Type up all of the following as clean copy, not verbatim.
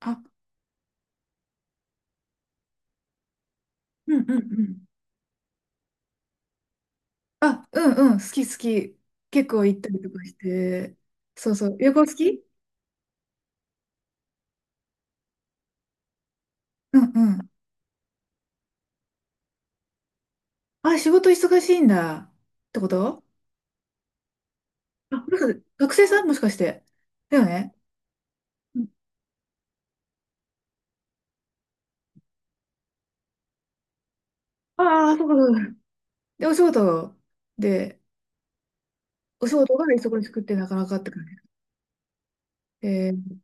あ、うんうんうん。あ、うんうん、好き好き。結構行ったりとかして。そうそう。旅行好き。うんうん。あ、仕事忙しいんだ。ってこと？あ、もしかして学生さん？もしかして、だよね。うん。ああ、そうかそうか。で、お仕事で、お仕事が忙しくってなかなかって感じ。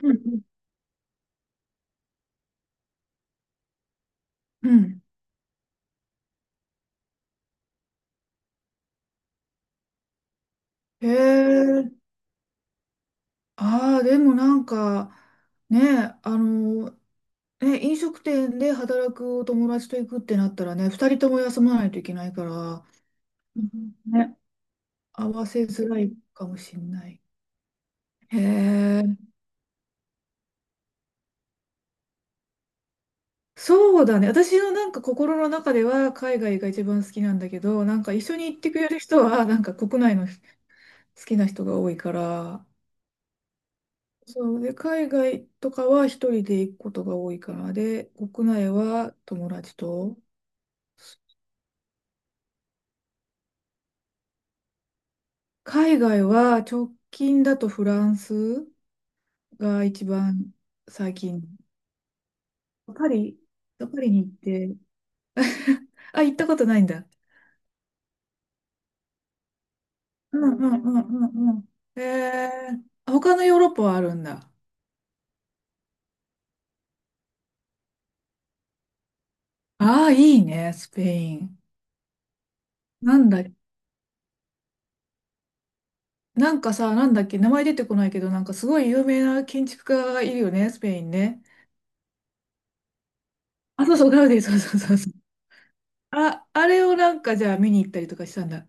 うんうん。うん。へえ。ああ、でもなんか、ね、え、飲食店で働くお友達と行くってなったらね、二人とも休まないといけないから、うんね。合わせづらいかもしれない。へえ、そうだね。私のなんか心の中では海外が一番好きなんだけど、なんか一緒に行ってくれる人はなんか国内の好きな人が多いから、そうで、海外とかは一人で行くことが多いから、で、国内は友達と、海外は直近だとフランスが一番最近。パリ、パリに行って、あ、行ったことないんだ。うんうんうんうんうん。えー、他のヨーロッパはあるんだ。ああ、いいね、スペイン。なんだ、なんかさ、なんだっけ、名前出てこないけど、なんかすごい有名な建築家がいるよね、スペインね。あ、そうそう、ガウディ、そうそうそうそう。あ、あれをなんかじゃあ見に行ったりとかしたんだ。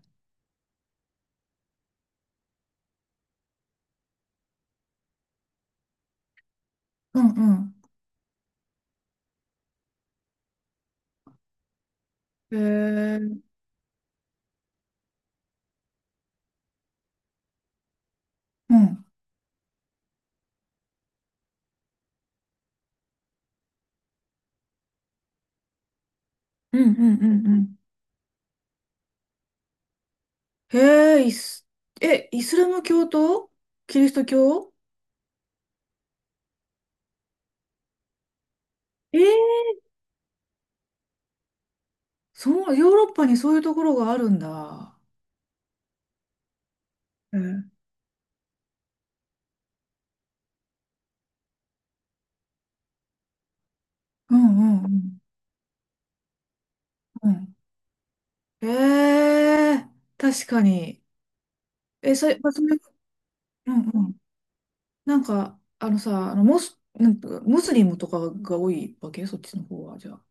うんうん。えー、うん。うんうんうんうん。へえ、イスラム教とキリスト教。えー、そう、ヨーロッパにそういうところがあるんだ。うん。うんうんうんうん。えー、確かに。え、それ、まあそれ、うんうん。なんか、あのさ、あのモス、なんかムスリムとかが多いわけ？そっちの方は、じゃあ。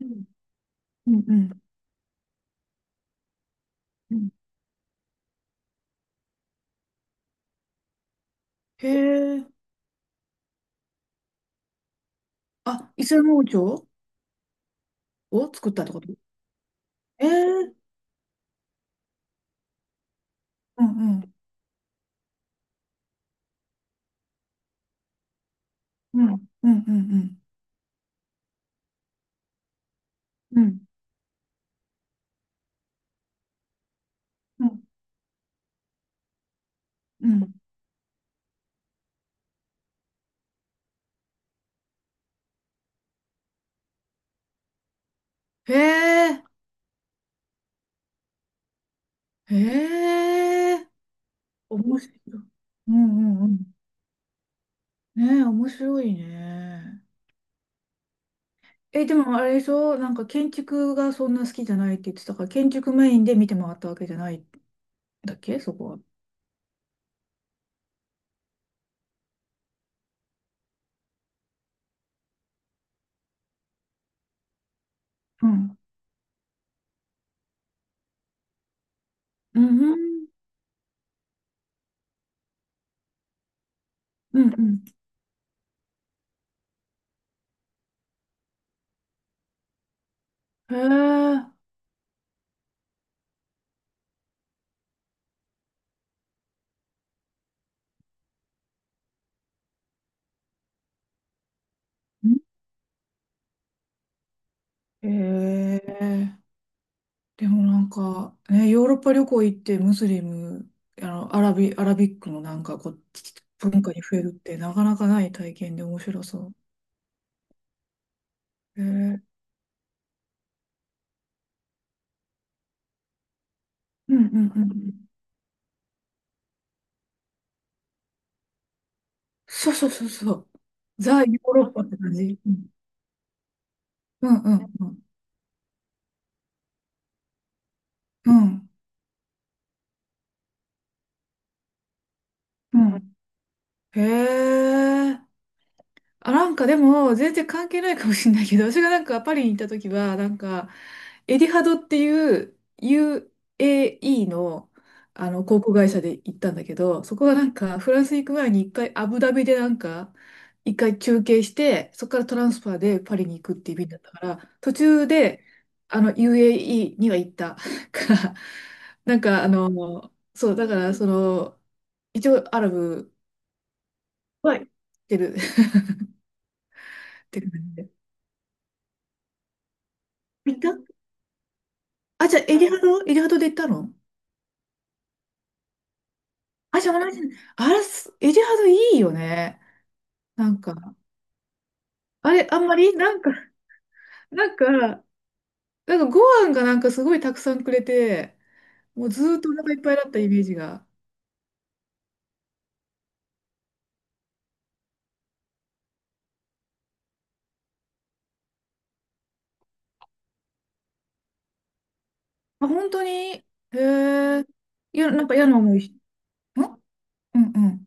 うんうんうんうん。へえ。あ、イスラム王朝を作ったってこと？ええ。うんうん。うんうんうんうん。うんうんうん。へえ、へえ、面白い。うんうんうん。ねえ、面白いね。え、でもあれでしょ、なんか建築がそんな好きじゃないって言ってたから、建築メインで見て回ったわけじゃないんだっけ、そこは。うん。うんうん。うんうん。へえ。へえ。でもなんか、ね、ヨーロッパ旅行行ってムスリム、アラビックのなんかこう、文化に触れるってなかなかない体験で面白そう。へえ。うんうんうんうん。そうそうそうそう。ザ・ヨーロッパって感じ。うんうんうんうん。うん。へえ。あ、なんかでも、全然関係ないかもしれないけど、私がなんかパリに行った時は、なんか、エディハドっていう UAE の、あの航空会社で行ったんだけど、そこがなんか、フランス行く前に一回アブダビでなんか、一回休憩して、そこからトランスファーでパリに行くっていう便だったから、途中で、あの、UAE には行った から、なんか、あの、そう、だから、その、一応アラブ。はい、行ってる って感じで。あ、じゃあ、エリハドで行ったの？あ、じゃあ同じ。あれ、すエリハドいいよね。なんか、あれ、あんまりなんか、なんか、なんかご飯がなんかすごいたくさんくれて、もうずーっとお腹いっぱいだったイメージが。あ、本当に？へえ。いや、なんか嫌な思いし、んうんうん。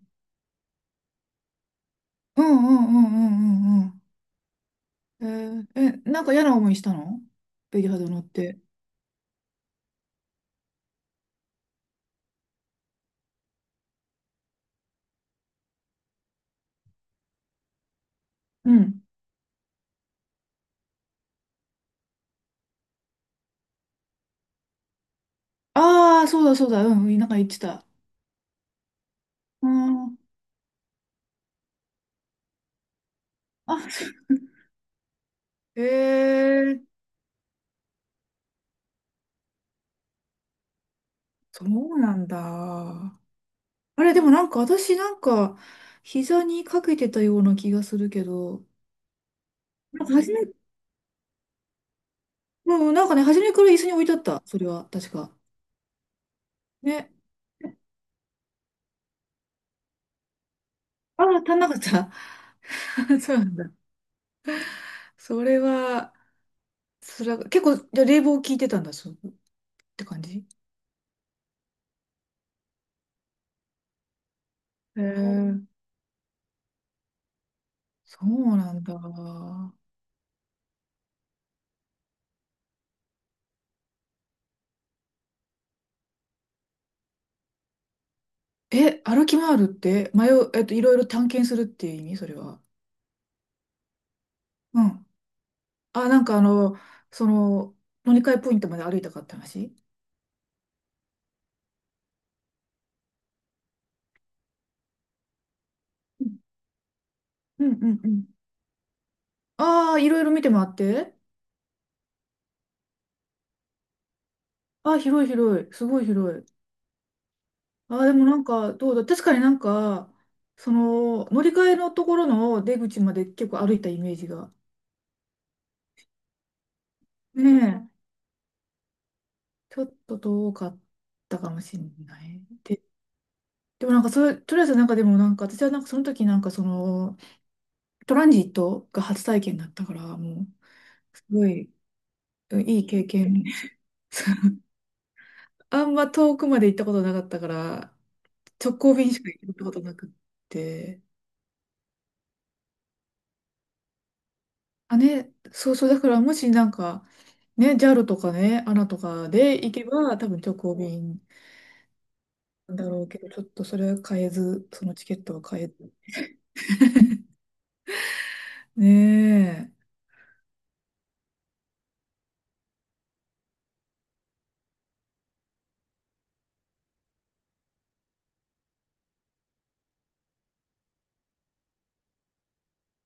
うんうんうんうんうんうん。えー、え、なんか嫌な思いしたの？エリハド乗って。うん。ああ、そうだそうだ。うん、なんか言ってた。うん。あ、へえ。そうなんだ。あれ、でもなんか私なんか、膝にかけてたような気がするけど、なんか初め、うん、なんかね、初めから椅子に置いてあった。それは、確か。ね。ああ、足んなかった。そうなんだ。それは、それは、結構、じゃあ冷房効いてたんだ、そう、って感じ？へえ、そうなんだ。え、歩き回るって、迷う、いろいろ探検するっていう意味？それは。うん。あ、なんかあの、その、乗り換えポイントまで歩いたかって話？うんうんうん。ああ、いろいろ見てもらって。ああ、広い広い。すごい広い。ああ、でもなんか、どうだ。確かになんか、その、乗り換えのところの出口まで結構歩いたイメージが。ねえ。ちょっと遠かったかもしれない。で、でもなんかそれ、とりあえずなんかでもなんか、私はなんかその時なんかその、トランジットが初体験だったから、もう、すごい、いい経験。あんま遠くまで行ったことなかったから、直行便しか行ったことなくって。あ、ね、そうそう、だからもしなんか、ね、JAL とかね、ANA とかで行けば、多分直行便なんだろうけど、ちょっとそれは買えず、そのチケットは買えず。ねえ。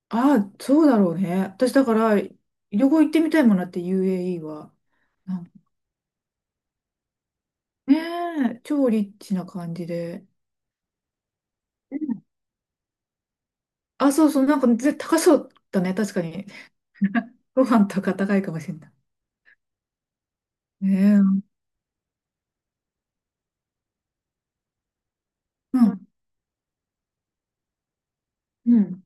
あ、そうだろうね。私だから、旅行行ってみたいもんなって UAE は。なんかねえ、超リッチな感じで。うん。あ、そうそう、なんか絶対高そうだね、確かに。ご飯とか高いかもしれない。ねえ。うん、うん、うん、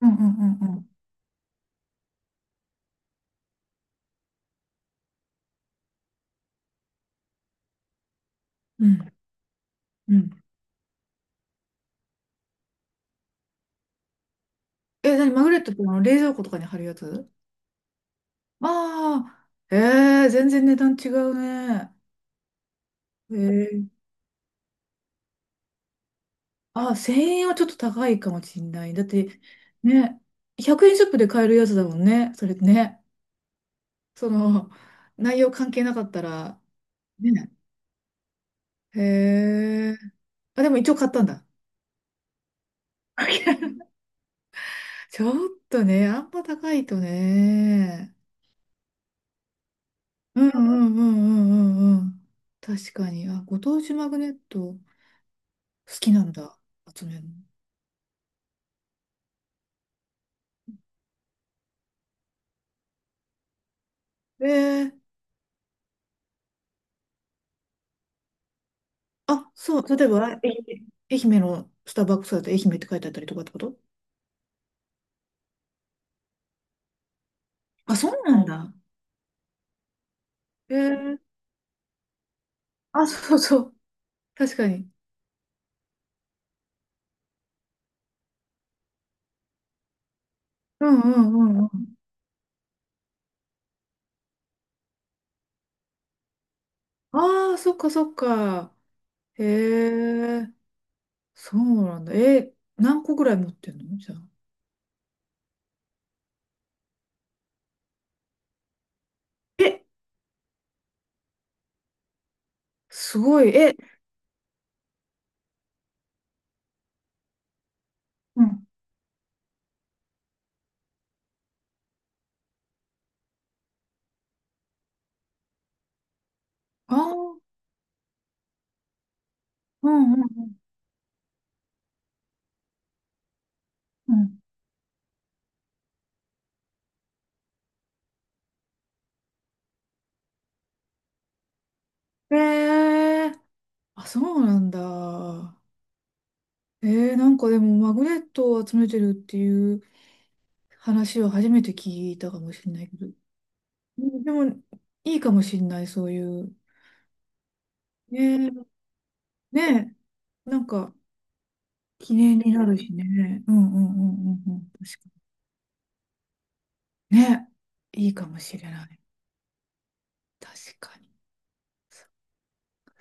うん、うんうん、うん。うん。え、何？マグネットってあの冷蔵庫とかに貼るやつ？ああー、えー、全然値段違うね。えー、あ、1000円はちょっと高いかもしんない。だって、ね、100円ショップで買えるやつだもんね。それね。その、内容関係なかったら、ね。へー。あ、でも一応買ったんだ。ちょっとね、あんま高いとね。うんうんうんうんうんうん。確かに。あ、ご当地マグネット好きなんだ。集めるの。ええ。あ、そう、例えば、愛媛、愛媛のスターバックスだと愛媛って書いてあったりとかってこと？あ、そうなんだ。ええ。あ、そうそう。確かに。うんうんうんうん。ああ、そっかそっか。へえ、そうなんだ。え、何個ぐらい持ってんの、じゃあ。え、すごい。え、うん。ああ、うんうんうん。うん。ええ。あ、そうなんだ。なんかでもマグネットを集めてるっていう話を初めて聞いたかもしれないけど、うんでもいいかもしれない、そういう。ねえ、ねえ、なんか記念になるしね。うんうんうんうんうん。確かに。ねえ、いいかもしれない。確かに。